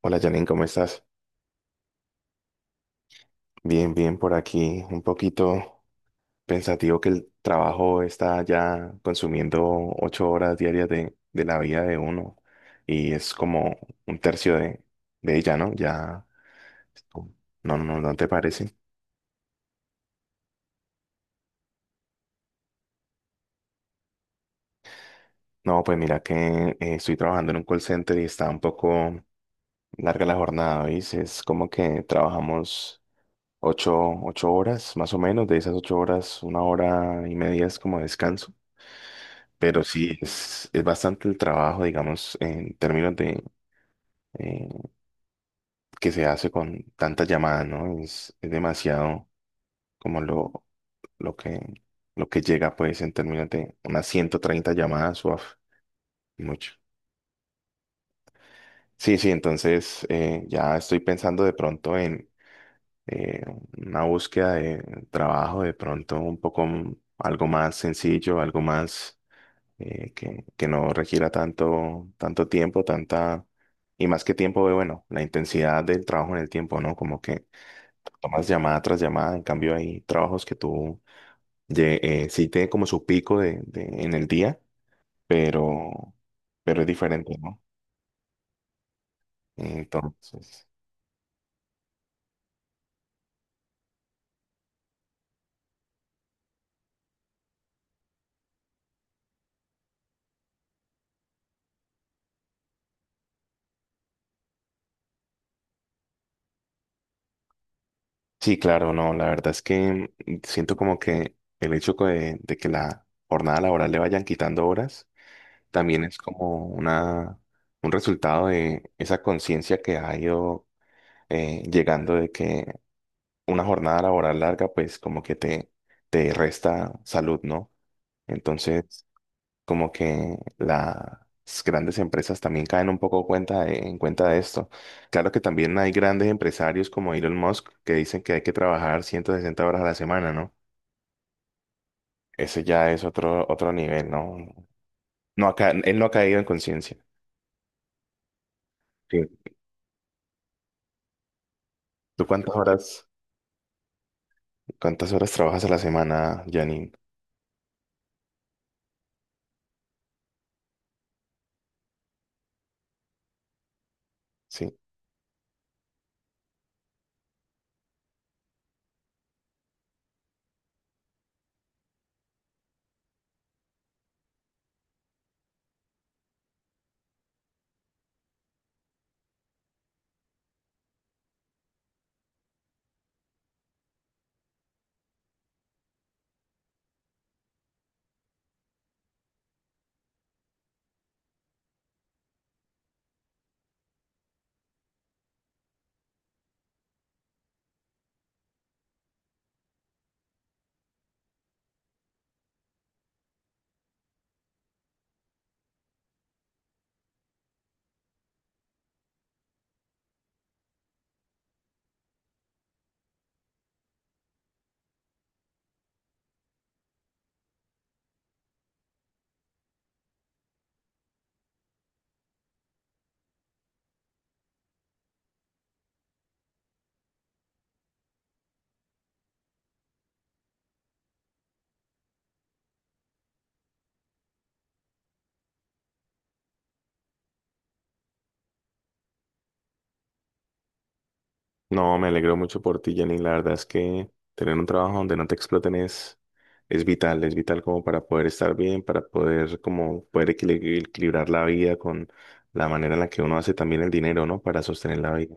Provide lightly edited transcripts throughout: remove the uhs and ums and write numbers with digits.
Hola Janine, ¿cómo estás? Bien, bien por aquí. Un poquito pensativo que el trabajo está ya consumiendo 8 horas diarias de la vida de uno y es como un tercio de ella, ¿no? Ya, no, no, ¿no te parece? No, pues mira que estoy trabajando en un call center y está un poco larga la jornada, ¿veis? Es como que trabajamos ocho, ocho horas más o menos. De esas 8 horas, una hora y media es como descanso. Pero sí, es bastante el trabajo, digamos, en términos de eh, que se hace con tantas llamadas, ¿no? Es demasiado como lo que, lo que llega, pues, en términos de unas 130 llamadas, uaf, mucho. Sí, sí, entonces ya estoy pensando de pronto en eh, una búsqueda de trabajo, de pronto un poco algo más sencillo, algo más que no requiera tanto, tanto tiempo, tanta, y más que tiempo, bueno, la intensidad del trabajo en el tiempo, ¿no? Como que tomas llamada tras llamada, en cambio hay trabajos que tú sí tiene como su pico en el día, pero, pero es diferente, ¿no? Entonces, sí, claro, no, la verdad es que siento como que el hecho de que la jornada laboral le vayan quitando horas, también es como un resultado de esa conciencia que ha ido llegando de que una jornada laboral larga, pues como que te resta salud, ¿no? Entonces, como que las grandes empresas también caen un poco cuenta en cuenta de esto. Claro que también hay grandes empresarios como Elon Musk que dicen que hay que trabajar 160 horas a la semana, ¿no? Ese ya es otro nivel, ¿no? Él no ha caído en conciencia. Sí. ¿Tú cuántas horas? ¿Cuántas horas trabajas a la semana, Janine? Sí. No, me alegro mucho por ti, Janine. La verdad es que tener un trabajo donde no te exploten es vital, es vital como para poder estar bien, para poder como poder equilibrar la vida con la manera en la que uno hace también el dinero, ¿no? Para sostener la vida.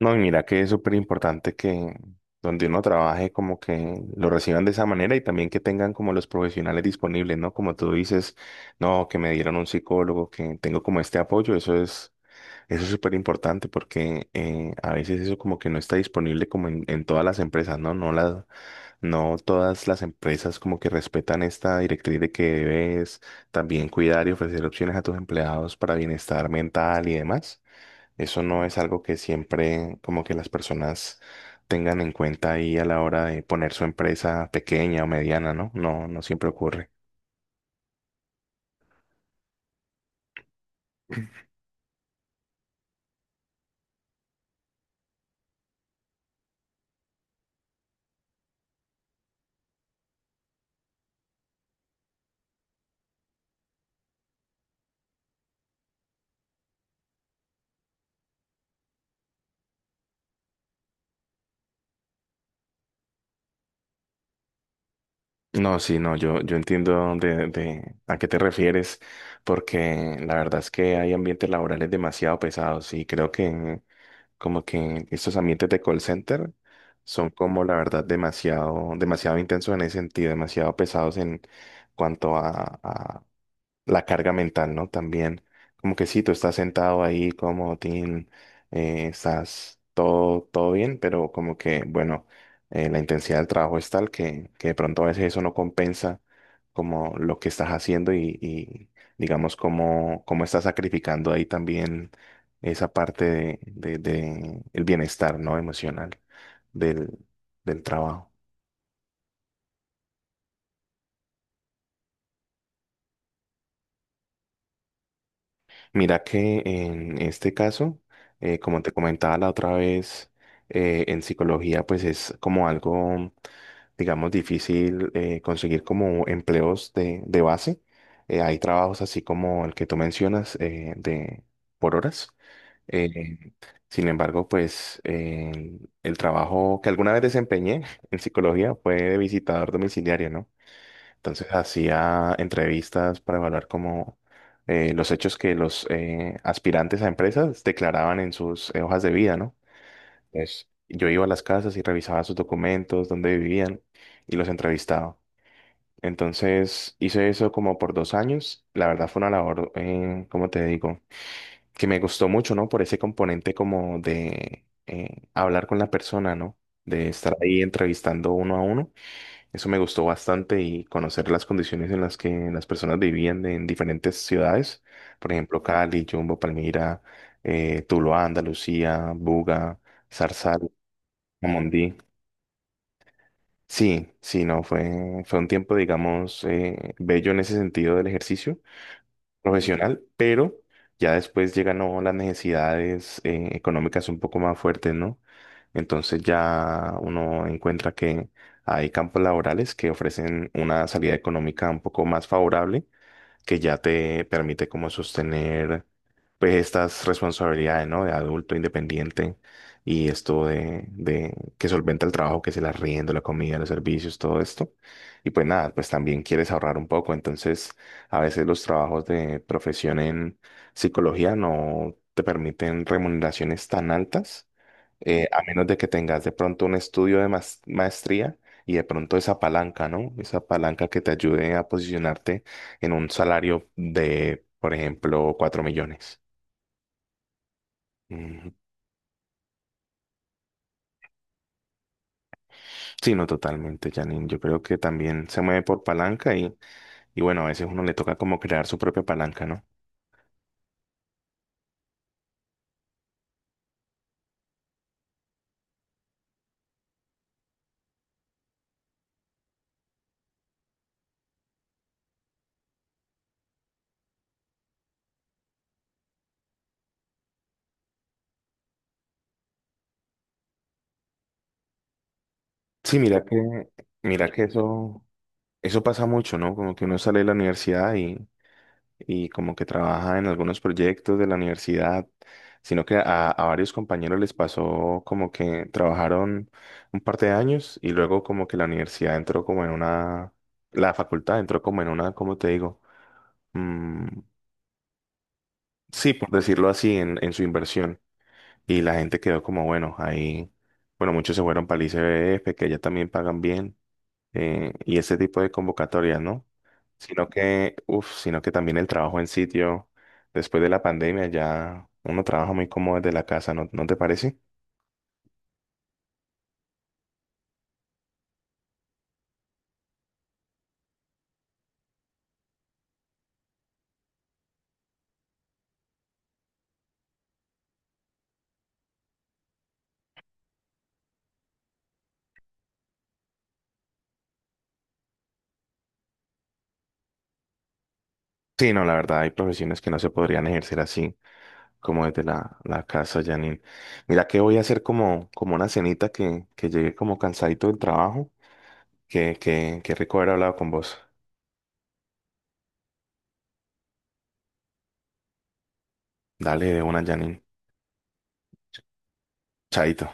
No, y mira que es súper importante que donde uno trabaje como que lo reciban de esa manera y también que tengan como los profesionales disponibles, ¿no? Como tú dices, no, que me dieron un psicólogo, que tengo como este apoyo, eso es súper importante porque a veces eso como que no está disponible como en todas las empresas, ¿no? No todas las empresas como que respetan esta directriz de que debes también cuidar y ofrecer opciones a tus empleados para bienestar mental y demás. Eso no es algo que siempre como que las personas tengan en cuenta ahí a la hora de poner su empresa pequeña o mediana, ¿no? No, no siempre ocurre. No, sí, no, yo entiendo de a qué te refieres, porque la verdad es que hay ambientes laborales demasiado pesados y creo que como que estos ambientes de call center son como la verdad demasiado, demasiado intensos en ese sentido, demasiado pesados en cuanto a la carga mental, ¿no? También, como que sí, tú estás sentado ahí como Tim, estás todo, todo bien, pero como que, bueno, la intensidad del trabajo es tal que de pronto a veces eso no compensa como lo que estás haciendo, y digamos, como estás sacrificando ahí también esa parte de el bienestar, ¿no? Emocional del, del trabajo. Mira que en este caso, como te comentaba la otra vez, en psicología pues es como algo, digamos, difícil conseguir como empleos de base. Hay trabajos así como el que tú mencionas de por horas. Eh, sin embargo, pues el trabajo que alguna vez desempeñé en psicología fue de visitador domiciliario, ¿no? Entonces hacía entrevistas para evaluar cómo los hechos que los aspirantes a empresas declaraban en sus hojas de vida, ¿no? Entonces yo iba a las casas y revisaba sus documentos, dónde vivían y los entrevistaba. Entonces hice eso como por 2 años. La verdad fue una labor, como te digo, que me gustó mucho, ¿no? Por ese componente como de hablar con la persona, ¿no? De estar ahí entrevistando uno a uno, eso me gustó bastante y conocer las condiciones en las que las personas vivían en diferentes ciudades, por ejemplo, Cali, Jumbo, Palmira, Tuluá, Andalucía, Buga, Zarzal, Amondí. Sí, sí, no, fue un tiempo, digamos, bello en ese sentido del ejercicio profesional, pero ya después llegan, ¿no?, las necesidades económicas un poco más fuertes, ¿no? Entonces ya uno encuentra que hay campos laborales que ofrecen una salida económica un poco más favorable que ya te permite como sostener pues estas responsabilidades, ¿no? De adulto independiente y esto de que solventa el trabajo, que es el arriendo, la comida, los servicios, todo esto. Y pues nada, pues también quieres ahorrar un poco. Entonces, a veces los trabajos de profesión en psicología no te permiten remuneraciones tan altas, a menos de que tengas de pronto un estudio de maestría y de pronto esa palanca, ¿no? Esa palanca que te ayude a posicionarte en un salario de, por ejemplo, 4 millones. Ujú. Sí, no, totalmente, Janine. Yo creo que también se mueve por palanca, y bueno, a veces uno le toca como crear su propia palanca, ¿no? Sí, mira que eso pasa mucho, ¿no? Como que uno sale de la universidad y como que trabaja en algunos proyectos de la universidad, sino que a varios compañeros les pasó como que trabajaron un par de años y luego como que la universidad entró como en una, la facultad entró como en una, ¿cómo te digo? Mm, sí, por decirlo así, en su inversión. Y la gente quedó como, bueno, ahí, bueno, muchos se fueron para el ICBF, que allá también pagan bien, y ese tipo de convocatorias, ¿no? Sino que también el trabajo en sitio, después de la pandemia ya uno trabaja muy cómodo desde la casa, ¿no te parece? Sí, no, la verdad hay profesiones que no se podrían ejercer así, como desde la casa, Janine. Mira que voy a hacer como una cenita que llegue como cansadito del trabajo, que rico haber hablado con vos. Dale de una, Janine. Chaito.